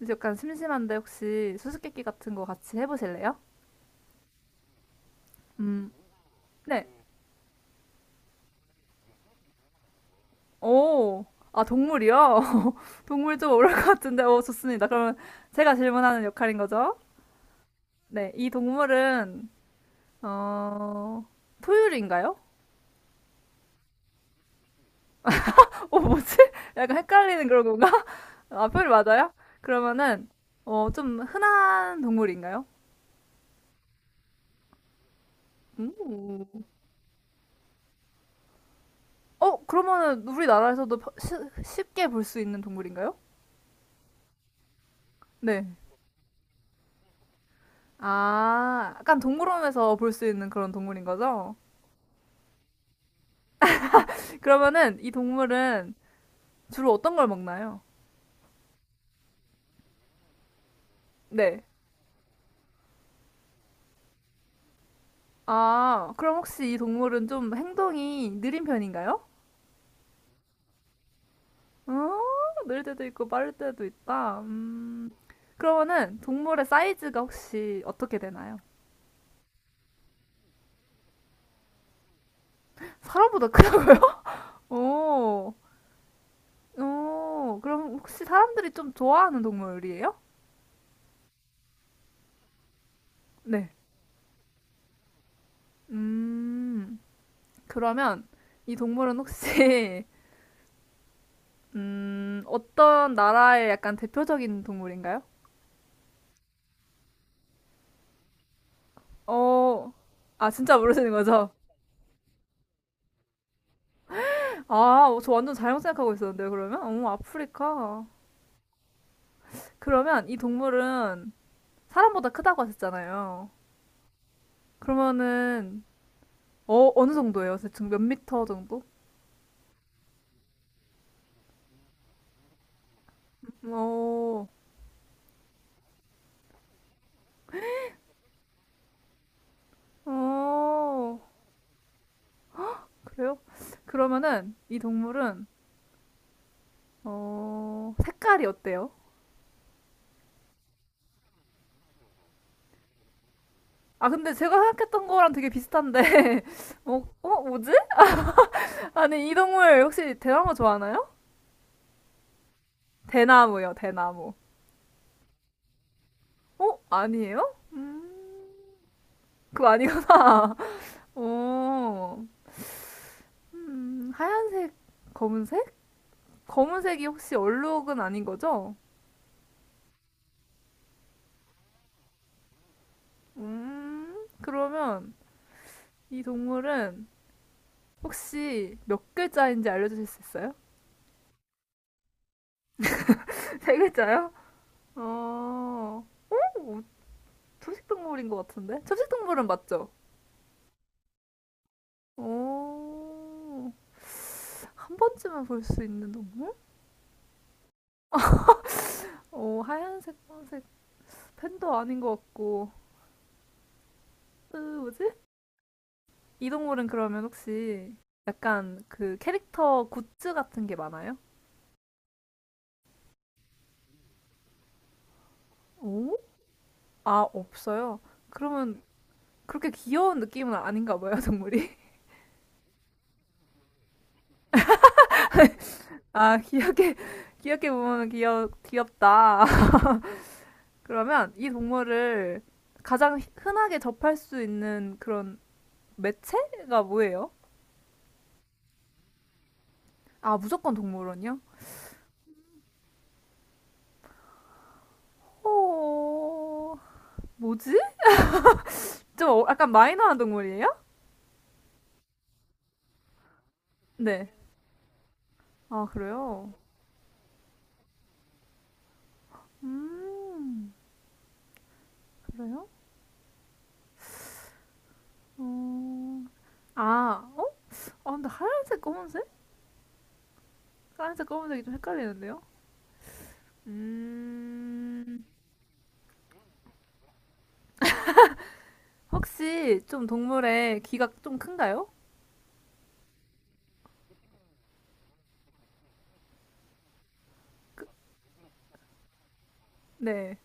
이제 약간 심심한데 혹시 수수께끼 같은 거 같이 해보실래요? 음, 네. 오, 아, 동물이요? 동물 좀 어려울 것 같은데, 오, 좋습니다. 그러면 제가 질문하는 역할인 거죠? 네, 이 동물은, 어, 포유류인가요? 뭐지? 약간 헷갈리는 그런 건가? 아, 포유류 맞아요? 그러면은, 어, 좀 흔한 동물인가요? 음, 그러면은 우리나라에서도 쉽게 볼 수 있는 동물인가요? 네. 아, 약간 동물원에서 볼 수 있는 그런 동물인 거죠? 그러면은 이 동물은 주로 어떤 걸 먹나요? 네. 아, 그럼 혹시 이 동물은 좀 행동이 느린 편인가요? 어, 느릴 때도 있고 빠를 때도 있다. 그러면은 동물의 사이즈가 혹시 어떻게 되나요? 사람보다 크다고요? 오, 오, 그럼 혹시 사람들이 좀 좋아하는 동물이에요? 네. 음, 그러면 이 동물은 혹시 어떤 나라의 약간 대표적인 동물인가요? 어, 아, 진짜 모르시는 거죠? 아, 저 완전 잘못 생각하고 있었는데요, 그러면? 아프리카. 그러면 이 동물은 사람보다 크다고 하셨잖아요. 그러면은, 어, 어느 정도예요? 대충 몇 미터 정도? 어, 어, 그래요? 그러면은 이 동물은, 어, 색깔이 어때요? 아, 근데 제가 생각했던 거랑 되게 비슷한데, 뭐지? 아니, 이 동물 혹시 대나무 좋아하나요? 대나무요, 대나무. 어? 아니에요? 음, 그거 아니구나. 어, 하얀색, 검은색? 검은색이 혹시 얼룩은 아닌 거죠? 그러면 이 동물은 혹시 몇 글자인지 알려주실 수 있어요? 3글자요? 어, 어, 초식동물인 것 같은데? 초식동물은 맞죠? 어, 한 번쯤은 볼 수 있는 동물? 하얀색, 검색 팬도 아닌 것 같고. 뭐지? 이동물은 그러면 혹시 약간 그 캐릭터 굿즈 같은 게 많아요? 오? 아, 없어요. 그러면 그렇게 귀여운 느낌은 아닌가 봐요, 동물이. 아, 귀엽게, 귀엽게 보면 귀엽다. 그러면 이 동물을 가장 흔하게 접할 수 있는 그런 매체가 뭐예요? 아, 무조건 동물원이요? 어, 뭐지? 좀 약간 마이너한 동물이에요? 네. 아, 그래요? 음, 그래요? 어, 아, 어? 아, 근데 하얀색, 검은색? 하얀색 검은색이 좀 헷갈리는데요? 음, 혹시 좀 동물의 귀가 좀 큰가요? 네.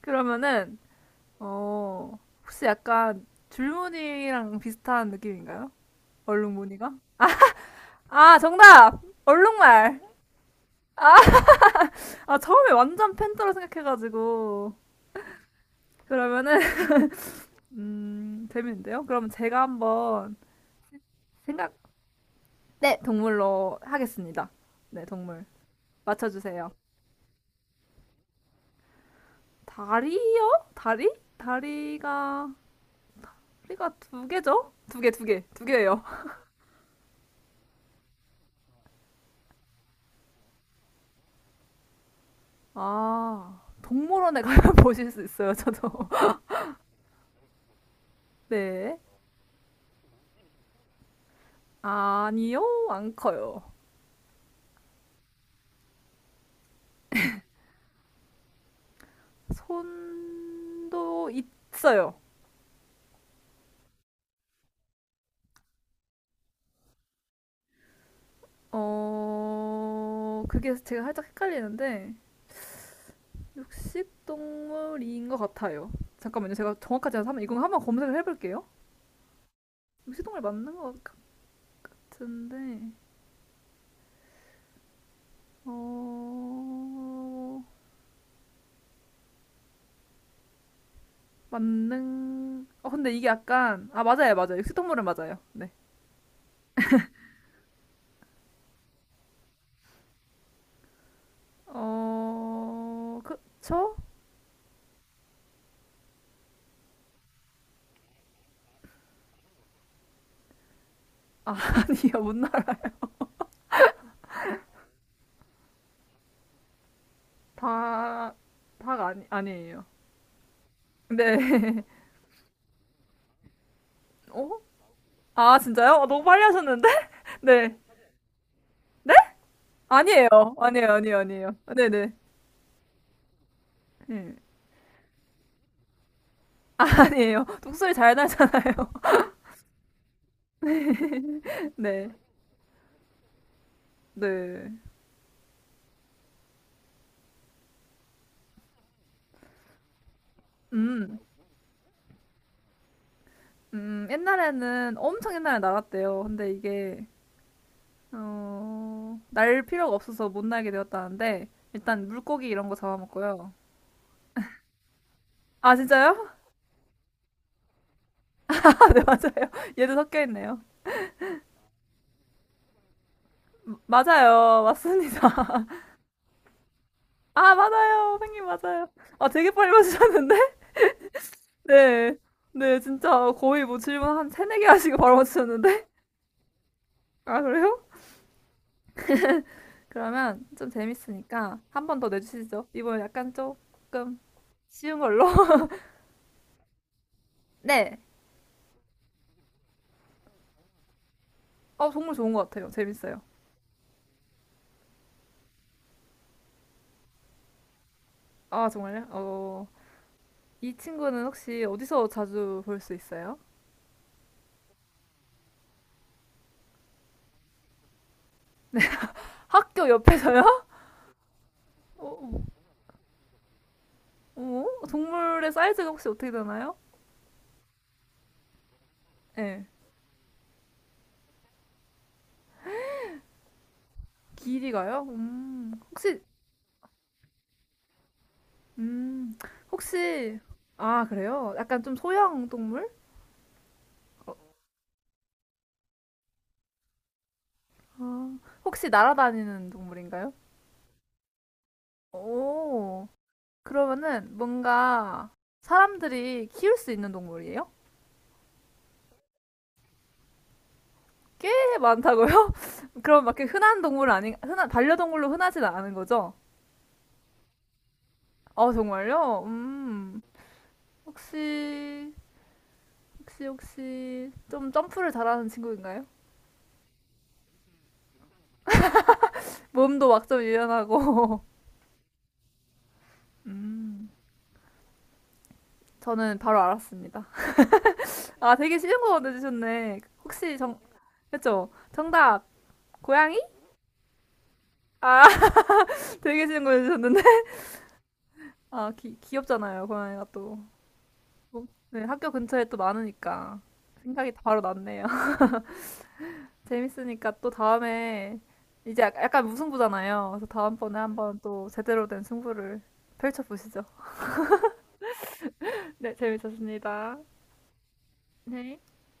그러면은, 어, 혹시 약간 줄무늬랑 비슷한 느낌인가요? 얼룩무늬가? 아, 정답! 얼룩말! 아, 처음에 완전 팬더로 생각해가지고. 그러면은, 재밌는데요? 그러면 제가 한번 생각, 네, 동물로 하겠습니다. 네, 동물. 맞춰주세요. 다리요? 다리? 다리가, 다리가 2개죠? 2개, 2개, 2개예요. 아, 동물원에 가면 보실 수 있어요, 저도. 네. 아니요, 안 커요. 손도 있어요. 그게 제가 살짝 헷갈리는데, 육식동물인 것 같아요. 잠깐만요, 제가 정확하지 않아서 이거 한번 검색을 해볼게요. 육식동물 맞는 것 같은데, 어 만능, 근데 이게 약간, 아, 맞아요, 맞아요, 육식동물은 맞아요. 네어 그쵸. 아 아니요, 못 날아. 다닭 아니, 아니에요. 네어아 진짜요? 아, 너무 빨리 하셨는데. 네. 아니에요, 아니에요, 아니에요, 아니에요, 네네 네. 아니에요, 독수리 잘 날잖아요. 네. 네. 음 옛날에는 엄청 옛날에 나갔대요. 근데 이게, 날 필요가 없어서 못 날게 되었다는데, 일단 물고기 이런 거 잡아먹고요. 아, 진짜요? 아, 네, 맞아요. 얘도 섞여 있네요. 맞아요. 맞습니다. 아, 맞아요. 선생님, 맞아요. 아, 되게 빨리 맞추셨는데? 네. 네, 진짜 거의 뭐 질문 한 3, 4개 하시고 바로 맞추셨는데? 아, 그래요? 그러면 좀 재밌으니까 한 번 더 내주시죠. 이번엔 약간 조금 쉬운 걸로. 네. 정말 좋은 것 같아요. 재밌어요. 아, 정말요? 어. 이 친구는 혹시 어디서 자주 볼 수 있어요? 학교 옆에서요? 어, 어? 동물의 사이즈가 혹시 어떻게 되나요? 네. 길이가요? 혹시, 음, 혹시, 아, 그래요? 약간 좀 소형 동물? 어, 어, 혹시 날아다니는 동물인가요? 오, 그러면은 뭔가 사람들이 키울 수 있는 동물이에요? 꽤 많다고요? 그럼 막 이렇게 흔한, 반려동물로 흔하진 않은 거죠? 아, 정말요? 음. 혹시, 혹시, 좀 점프를 잘하는 친구인가요? 몸도 막 좀 유연하고. 음. 저는 바로 알았습니다. 아, 되게 쉬운 거 내주셨네. 그쵸? 정답! 고양이? 아, 되게 쉬운 거 내주셨는데. 아, 귀엽잖아요, 고양이가 또. 어, 네, 학교 근처에 또 많으니까. 생각이 바로 났네요. 재밌으니까 또 다음에 이제 약간 무승부잖아요. 그래서 다음번에 한번 또 제대로 된 승부를 펼쳐보시죠. 네, 재밌었습니다. 네.